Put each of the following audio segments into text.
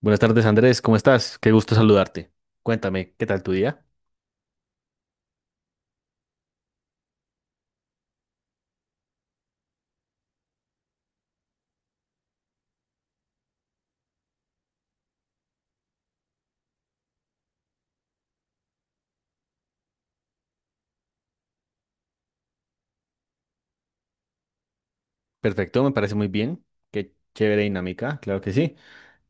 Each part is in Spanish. Buenas tardes, Andrés, ¿cómo estás? Qué gusto saludarte. Cuéntame, ¿qué tal tu día? Perfecto, me parece muy bien. Qué chévere dinámica, claro que sí.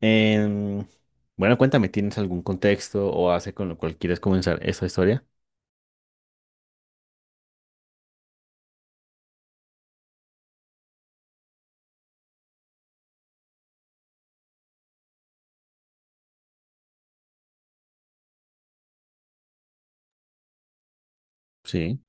Em, bueno, cuéntame, ¿tienes algún contexto o hace con lo cual quieres comenzar esta historia? Sí.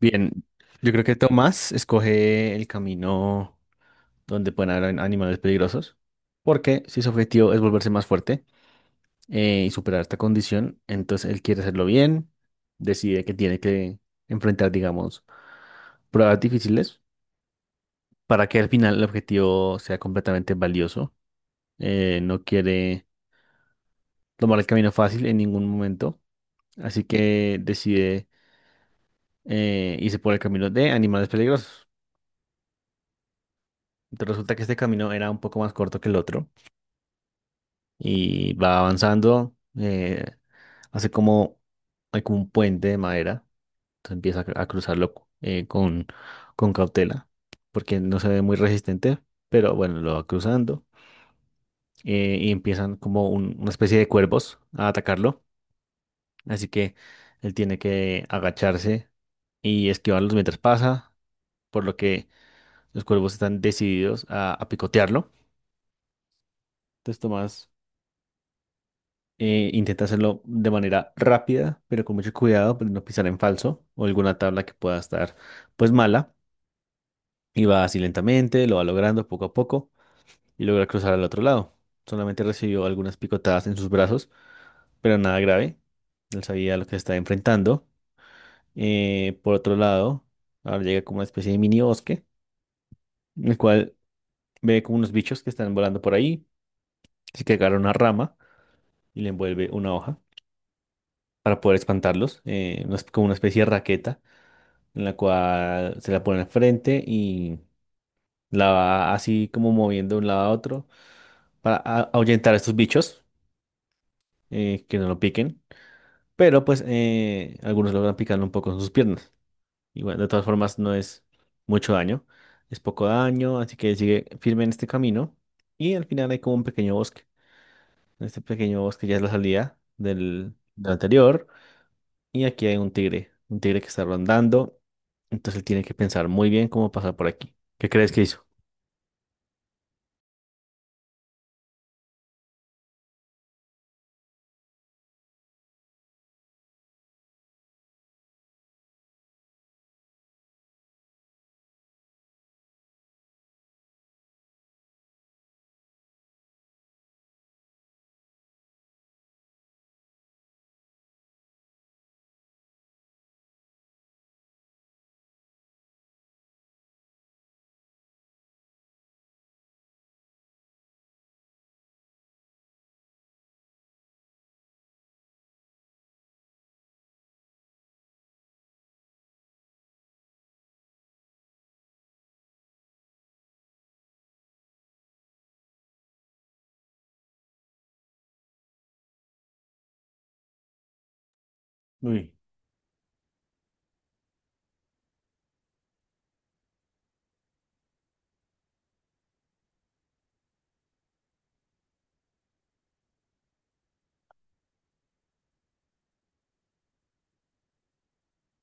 Bien, yo creo que Tomás escoge el camino donde pueden haber animales peligrosos, porque si su objetivo es volverse más fuerte y superar esta condición, entonces él quiere hacerlo bien, decide que tiene que enfrentar, digamos, pruebas difíciles para que al final el objetivo sea completamente valioso. No quiere tomar el camino fácil en ningún momento, así que decide irse por el camino de animales peligrosos. Entonces resulta que este camino era un poco más corto que el otro y va avanzando, hace hay como un puente de madera, entonces empieza a cruzarlo eh, con, con cautela, porque no se ve muy resistente, pero bueno, lo va cruzando y empiezan como una especie de cuervos a atacarlo. Así que él tiene que agacharse y esquivarlos mientras pasa, por lo que los cuervos están decididos a picotearlo. Entonces Tomás intenta hacerlo de manera rápida, pero con mucho cuidado, para no pisar en falso o alguna tabla que pueda estar pues mala. Y va así lentamente, lo va logrando poco a poco y logra cruzar al otro lado. Solamente recibió algunas picotadas en sus brazos, pero nada grave. Él sabía lo que se estaba enfrentando. Por otro lado, ahora llega como una especie de mini bosque, en el cual ve como unos bichos que están volando por ahí. Así que agarra una rama y le envuelve una hoja para poder espantarlos. Como una especie de raqueta en la cual se la pone al frente y la va así como moviendo de un lado a otro para ahuyentar a estos bichos que no lo piquen. Pero pues algunos logran picarlo un poco en sus piernas. Y bueno, de todas formas no es mucho daño, es poco daño, así que sigue firme en este camino. Y al final hay como un pequeño bosque. En este pequeño bosque ya es la salida del anterior. Y aquí hay un tigre que está rondando. Entonces él tiene que pensar muy bien cómo pasar por aquí. ¿Qué crees que hizo? Uy,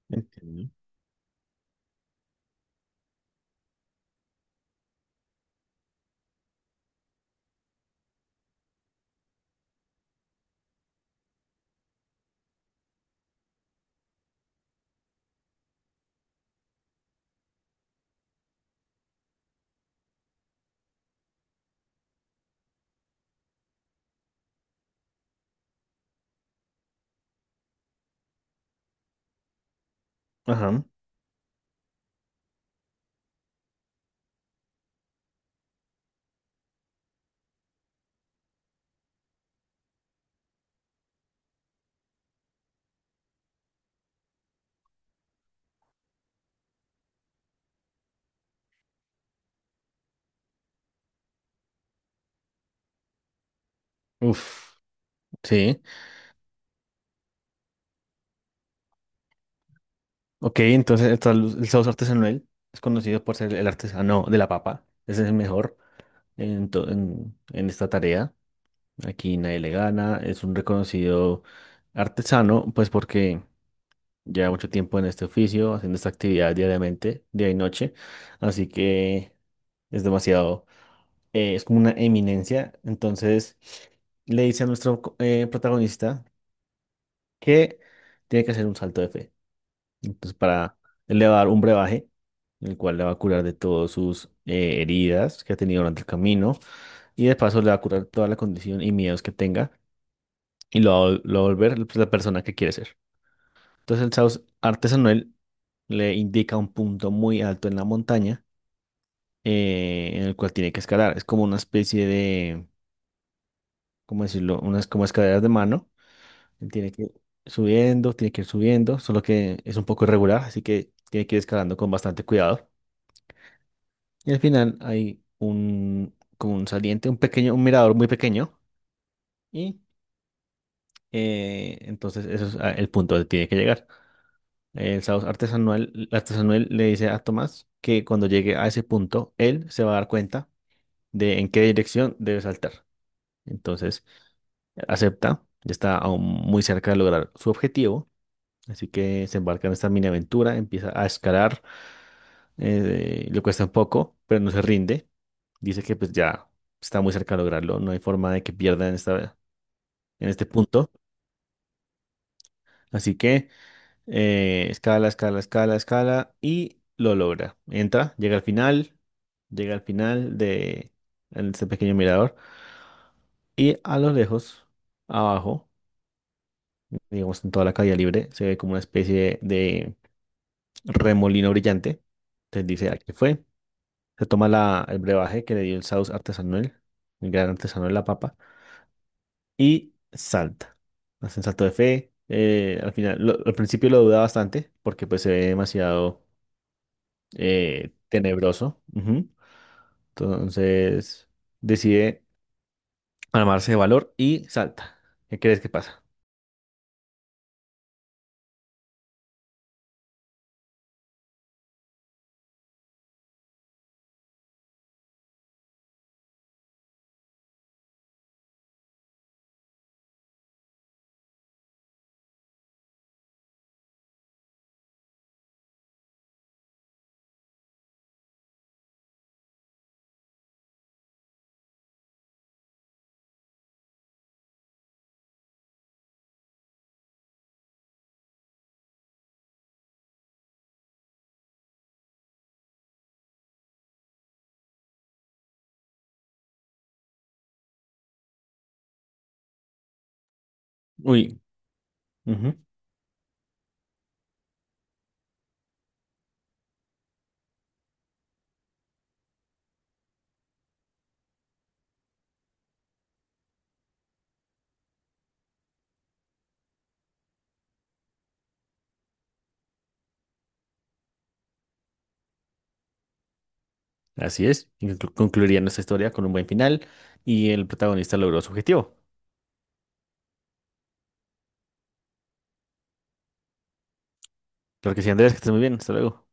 entiendo. Ajá. Uf. Sí. Ok, entonces el sauce artesanal es conocido por ser el artesano de la papa. Ese es el mejor en, to- en en esta tarea. Aquí nadie le gana, es un reconocido artesano, pues porque lleva mucho tiempo en este oficio, haciendo esta actividad diariamente, día y noche, así que es demasiado, es como una eminencia. Entonces le dice a nuestro protagonista que tiene que hacer un salto de fe. Entonces para, él le va a dar un brebaje, el cual le va a curar de todas sus heridas que ha tenido durante el camino y de paso le va a curar toda la condición y miedos que tenga. Y lo va a volver pues la persona que quiere ser. Entonces el sauce artesanal le indica un punto muy alto en la montaña en el cual tiene que escalar. Es como una especie de, ¿cómo decirlo? Unas como escaleras de mano. Él tiene que ir subiendo, tiene que ir subiendo, solo que es un poco irregular, así que tiene que ir escalando con bastante cuidado. Y al final hay un, como un saliente, un pequeño, un mirador muy pequeño y entonces eso es el punto donde tiene que llegar. El Saus artesanal le dice a Tomás que cuando llegue a ese punto, él se va a dar cuenta de en qué dirección debe saltar. Entonces acepta, ya está aún muy cerca de lograr su objetivo, así que se embarca en esta mini aventura, empieza a escalar, le cuesta un poco, pero no se rinde, dice que pues ya está muy cerca de lograrlo, no hay forma de que pierda en esta, en este punto, así que escala, escala, escala, escala y lo logra. Entra, llega al final de ese pequeño mirador y a lo lejos, abajo, digamos en toda la calle libre, se ve como una especie de remolino brillante. Entonces dice, aquí fue. Se toma el brebaje que le dio el Saus artesanal, el gran artesano de la papa, y salta. Hace un salto de fe. Al principio lo duda bastante porque pues se ve demasiado tenebroso. Ujú. Entonces decide armarse de valor y salta. ¿Qué crees que pasa? Uy, ujú. Así es. Y concluiría nuestra historia con un buen final y el protagonista logró su objetivo. Claro que sí, Andrés, que estés muy bien. Hasta luego.